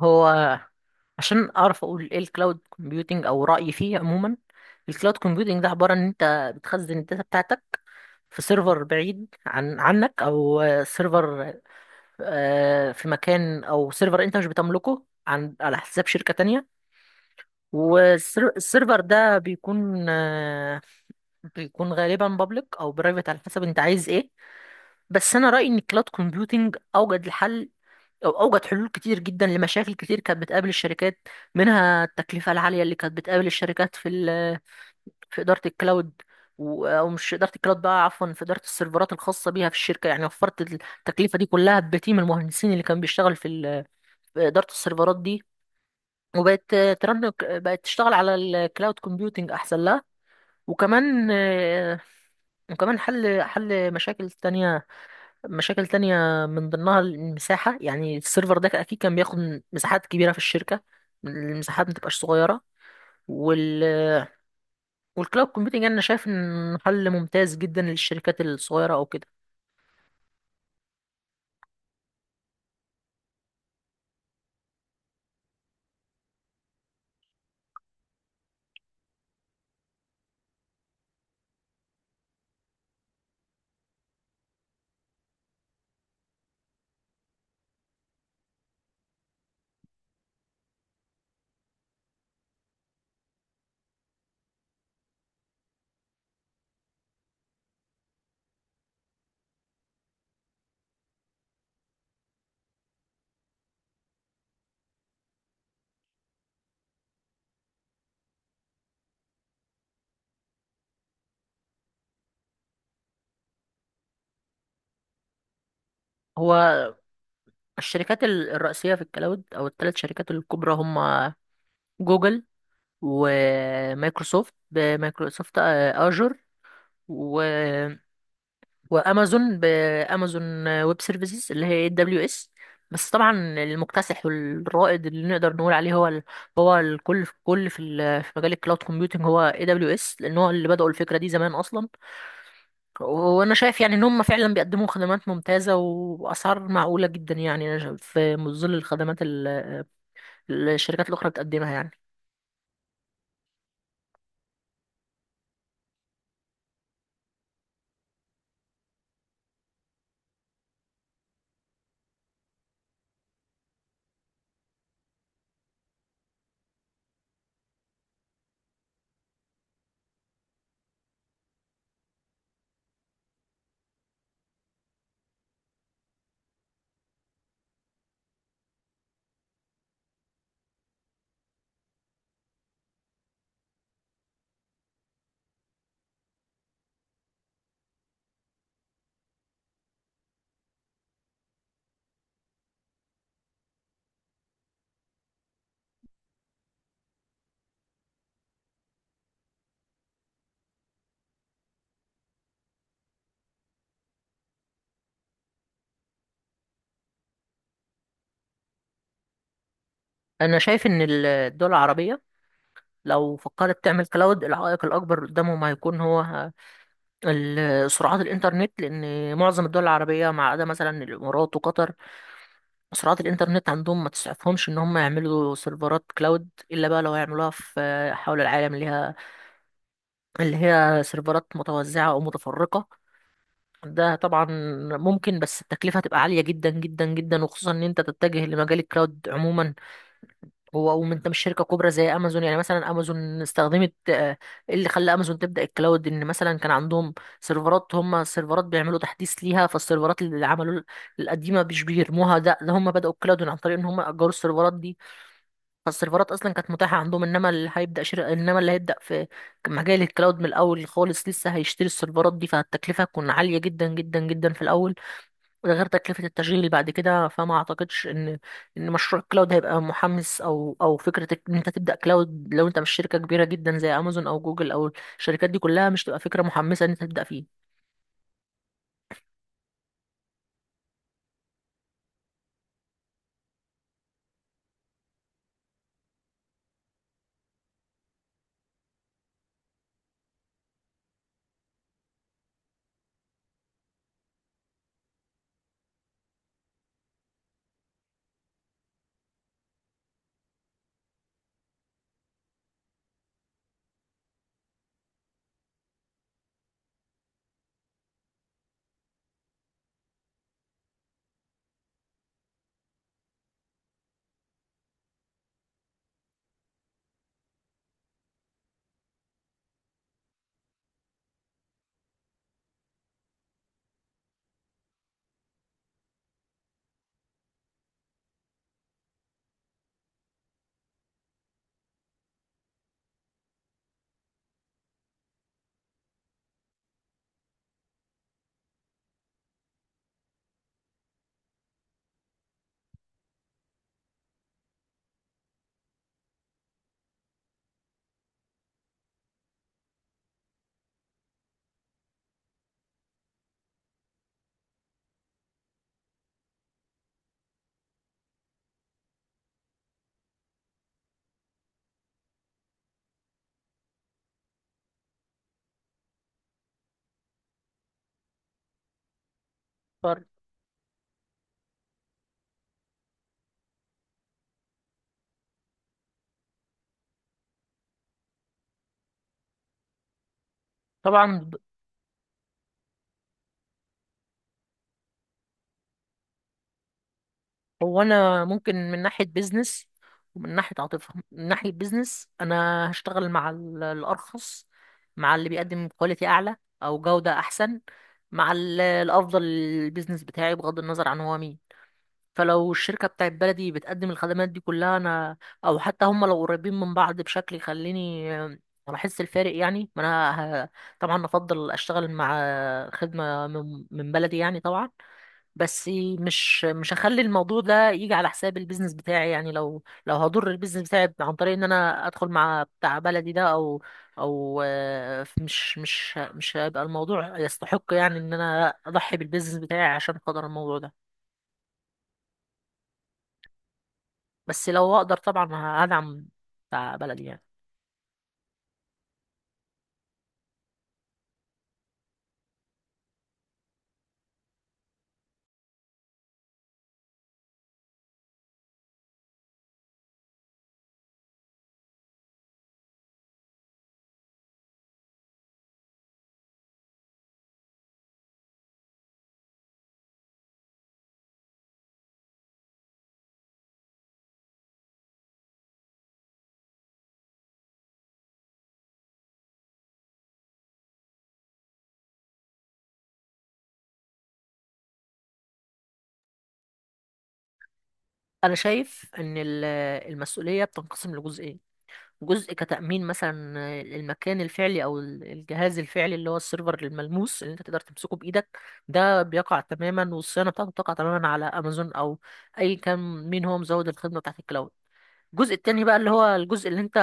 هو، عشان اعرف اقول ايه الكلاود كومبيوتنج او رايي فيه عموما. الكلاود كومبيوتنج ده عباره ان انت بتخزن الداتا بتاعتك في سيرفر بعيد عنك او سيرفر آه، في مكان او سيرفر انت مش بتملكه على حساب شركه تانية. والسيرفر ده بيكون غالبا بابليك او برايفت على حسب انت عايز ايه. بس انا رايي ان الكلاود كومبيوتنج اوجد الحل، أوجد حلول كتير جدا لمشاكل كتير كانت بتقابل الشركات، منها التكلفة العالية اللي كانت بتقابل الشركات في إدارة الكلاود، و- أو مش إدارة الكلاود بقى، عفوا، في إدارة السيرفرات الخاصة بيها في الشركة، يعني وفرت التكلفة دي كلها بتيم المهندسين اللي كان بيشتغل في إدارة السيرفرات دي. وبقت، بقت تشتغل على الكلاود كومبيوتنج أحسن لها. وكمان آه، وكمان حل مشاكل تانية، من ضمنها المساحة، يعني السيرفر ده أكيد كان بياخد مساحات كبيرة في الشركة، المساحات متبقاش صغيرة. وال والكلاود كومبيوتنج أنا شايف إن حل ممتاز جدا للشركات الصغيرة أو كده. هو، الشركات الرئيسية في الكلاود، أو الثلاث شركات الكبرى، هما جوجل، ومايكروسوفت، بمايكروسوفت آجر، وامازون، بامازون ويب سيرفيسز، اللي هي WS. بس طبعا المكتسح والرائد اللي نقدر نقول عليه هو هو الكل في كل في مجال الكلاود كومبيوتنج هو AWS، لان هو اللي بدأوا الفكره دي زمان اصلا. وانا شايف يعني ان هم فعلا بيقدموا خدمات ممتازه واسعار معقوله جدا، يعني أنا شايف في ظل الخدمات الشركات الاخرى بتقدمها يعني. انا شايف ان الدول العربيه لو فكرت تعمل كلاود، العائق الاكبر قدامهم هيكون هو سرعات الإنترنت، لأن معظم الدول العربية، ما عدا مثلا الإمارات وقطر، سرعات الإنترنت عندهم ما تسعفهمش إن هم يعملوا سيرفرات كلاود، إلا بقى لو هيعملوها في حول العالم، اللي هي سيرفرات متوزعة أو متفرقة. ده طبعا ممكن، بس التكلفة هتبقى عالية جدا جدا جدا، وخصوصا إن أنت تتجه لمجال الكلاود عموما، هو وانت مش شركه كبرى زي امازون. يعني مثلا امازون استخدمت، إيه اللي خلى امازون تبدا الكلاود؟ ان مثلا كان عندهم سيرفرات بيعملوا تحديث ليها، فالسيرفرات اللي عملوا القديمه مش بيرموها. ده هم بداوا الكلاود عن طريق ان هم اجروا السيرفرات دي. فالسيرفرات اصلا كانت متاحه عندهم، انما اللي هيبدا في مجال الكلاود من الاول خالص لسه هيشتري السيرفرات دي، فالتكلفه هتكون عاليه جدا جدا جدا في الاول، غير تكلفة التشغيل بعد كده. فما اعتقدش ان مشروع كلاود هيبقى محمس، او فكرة ان انت تبدأ كلاود لو انت مش شركة كبيرة جدا زي امازون او جوجل، او الشركات دي كلها، مش تبقى فكرة محمسة ان انت تبدأ فيه. فر- طبعا ب- هو انا ممكن من ناحية بيزنس، ومن ناحية عاطفة. من ناحية بيزنس انا هشتغل مع الارخص، مع اللي بيقدم كواليتي اعلى او جودة احسن، مع الافضل للبيزنس بتاعي، بغض النظر عن هو مين. فلو الشركة بتاعت بلدي بتقدم الخدمات دي كلها أو حتى هم لو قريبين من بعض بشكل يخليني، أنا أحس الفارق، يعني ما أنا ه- طبعا أفضل أشتغل مع خدمة من بلدي يعني، طبعا. بس مش هخلي الموضوع ده يجي على حساب البيزنس بتاعي، يعني لو هضر البيزنس بتاعي عن طريق إن أنا أدخل مع بتاع بلدي ده، أو مش هيبقى الموضوع يستحق، يعني إن أنا أضحي بالبيزنس بتاعي عشان خاطر الموضوع ده. بس لو اقدر طبعا هدعم بتاع بلدي يعني. انا شايف ان المسؤوليه بتنقسم لجزئين. جزء كتامين مثلا المكان الفعلي او الجهاز الفعلي اللي هو السيرفر الملموس اللي انت تقدر تمسكه بايدك، ده بيقع تماما والصيانه بتاعته بتقع تماما على امازون، او اي كان مين هو مزود الخدمه بتاعت الكلاود. الجزء التاني بقى اللي هو الجزء اللي انت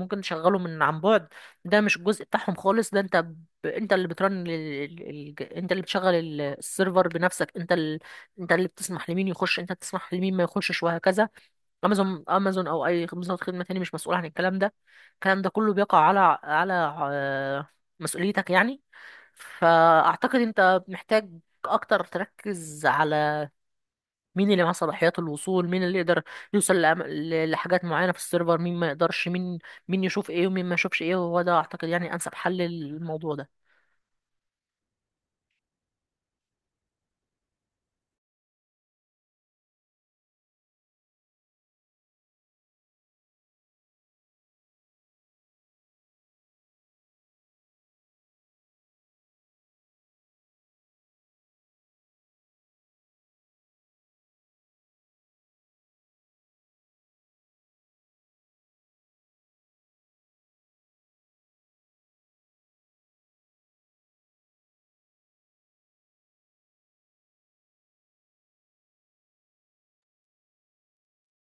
ممكن تشغله عن بعد، ده مش الجزء بتاعهم خالص. ده انت ب... انت اللي بترن ال... ال... ال- انت اللي بتشغل السيرفر بنفسك. انت اللي بتسمح لمين يخش، انت بتسمح لمين ما يخشش، وهكذا. امازون او اي مزود خدمة تاني مش مسؤول عن الكلام ده. الكلام ده كله بيقع على آه، مسؤوليتك يعني. فاعتقد انت محتاج اكتر تركز على مين اللي معاه صلاحيات الوصول، مين اللي يقدر يوصل لحاجات معينة في السيرفر، مين ما يقدرش، مين يشوف ايه ومين ما يشوفش ايه. وهو ده اعتقد يعني انسب حل للموضوع ده.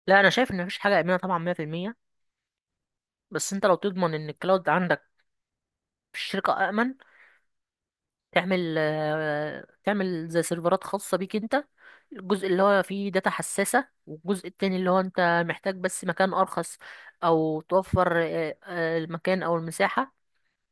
لا، انا شايف ان مفيش حاجة آمنة طبعا 100%. بس انت لو تضمن ان الكلاود عندك في الشركة آمن، تعمل زي سيرفرات خاصة بيك انت. الجزء اللي هو فيه داتا حساسة، والجزء التاني اللي هو انت محتاج بس مكان ارخص او توفر المكان او المساحة،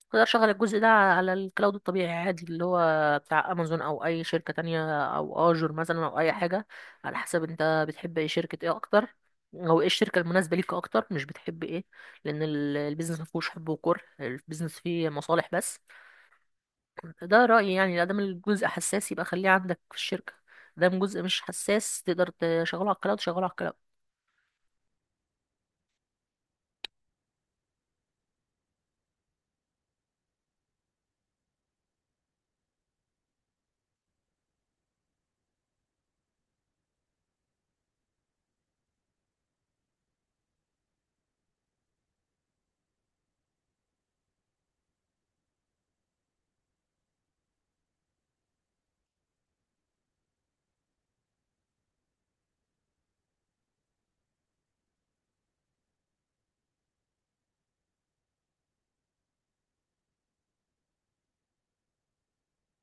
اقدر اشغل الجزء ده على الكلاود الطبيعي عادي اللي هو بتاع امازون او اي شركة تانية او اجر مثلا او اي حاجة، على حسب انت بتحب اي شركة ايه اكتر، او ايه الشركة المناسبة ليك اكتر، مش بتحب ايه، لان البيزنس مفهوش حب وكره، البيزنس فيه مصالح بس. ده رأيي يعني، ادام الجزء حساس يبقى خليه عندك في الشركة، ادام جزء مش حساس تقدر تشغله على الكلاود شغله على الكلاود.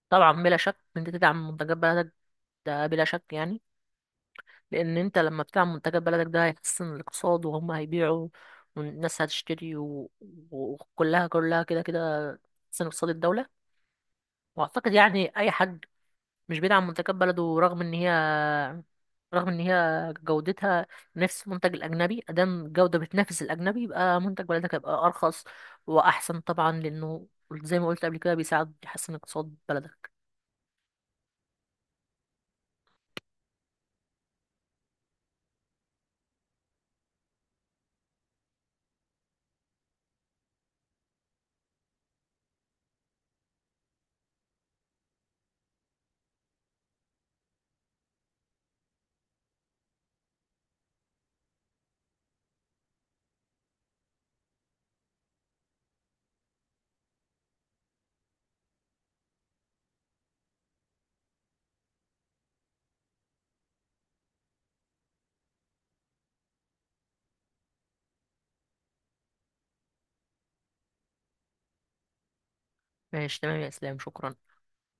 طبعا بلا شك إن انت تدعم منتجات بلدك، ده بلا شك يعني، لان انت لما بتعمل منتجات بلدك ده هيحسن الاقتصاد، وهم هيبيعوا والناس هتشتري، وكلها كده كده تحسن اقتصاد الدولة. واعتقد يعني اي حد مش بيدعم منتجات بلده، رغم ان هي جودتها نفس المنتج الاجنبي، ادام الجودة بتنافس الاجنبي يبقى منتج بلدك هيبقى ارخص واحسن طبعا، لانه زي ما قلت قبل كده بيساعد يحسن اقتصاد بلدك. ماشي تمام يا اسلام، شكرا.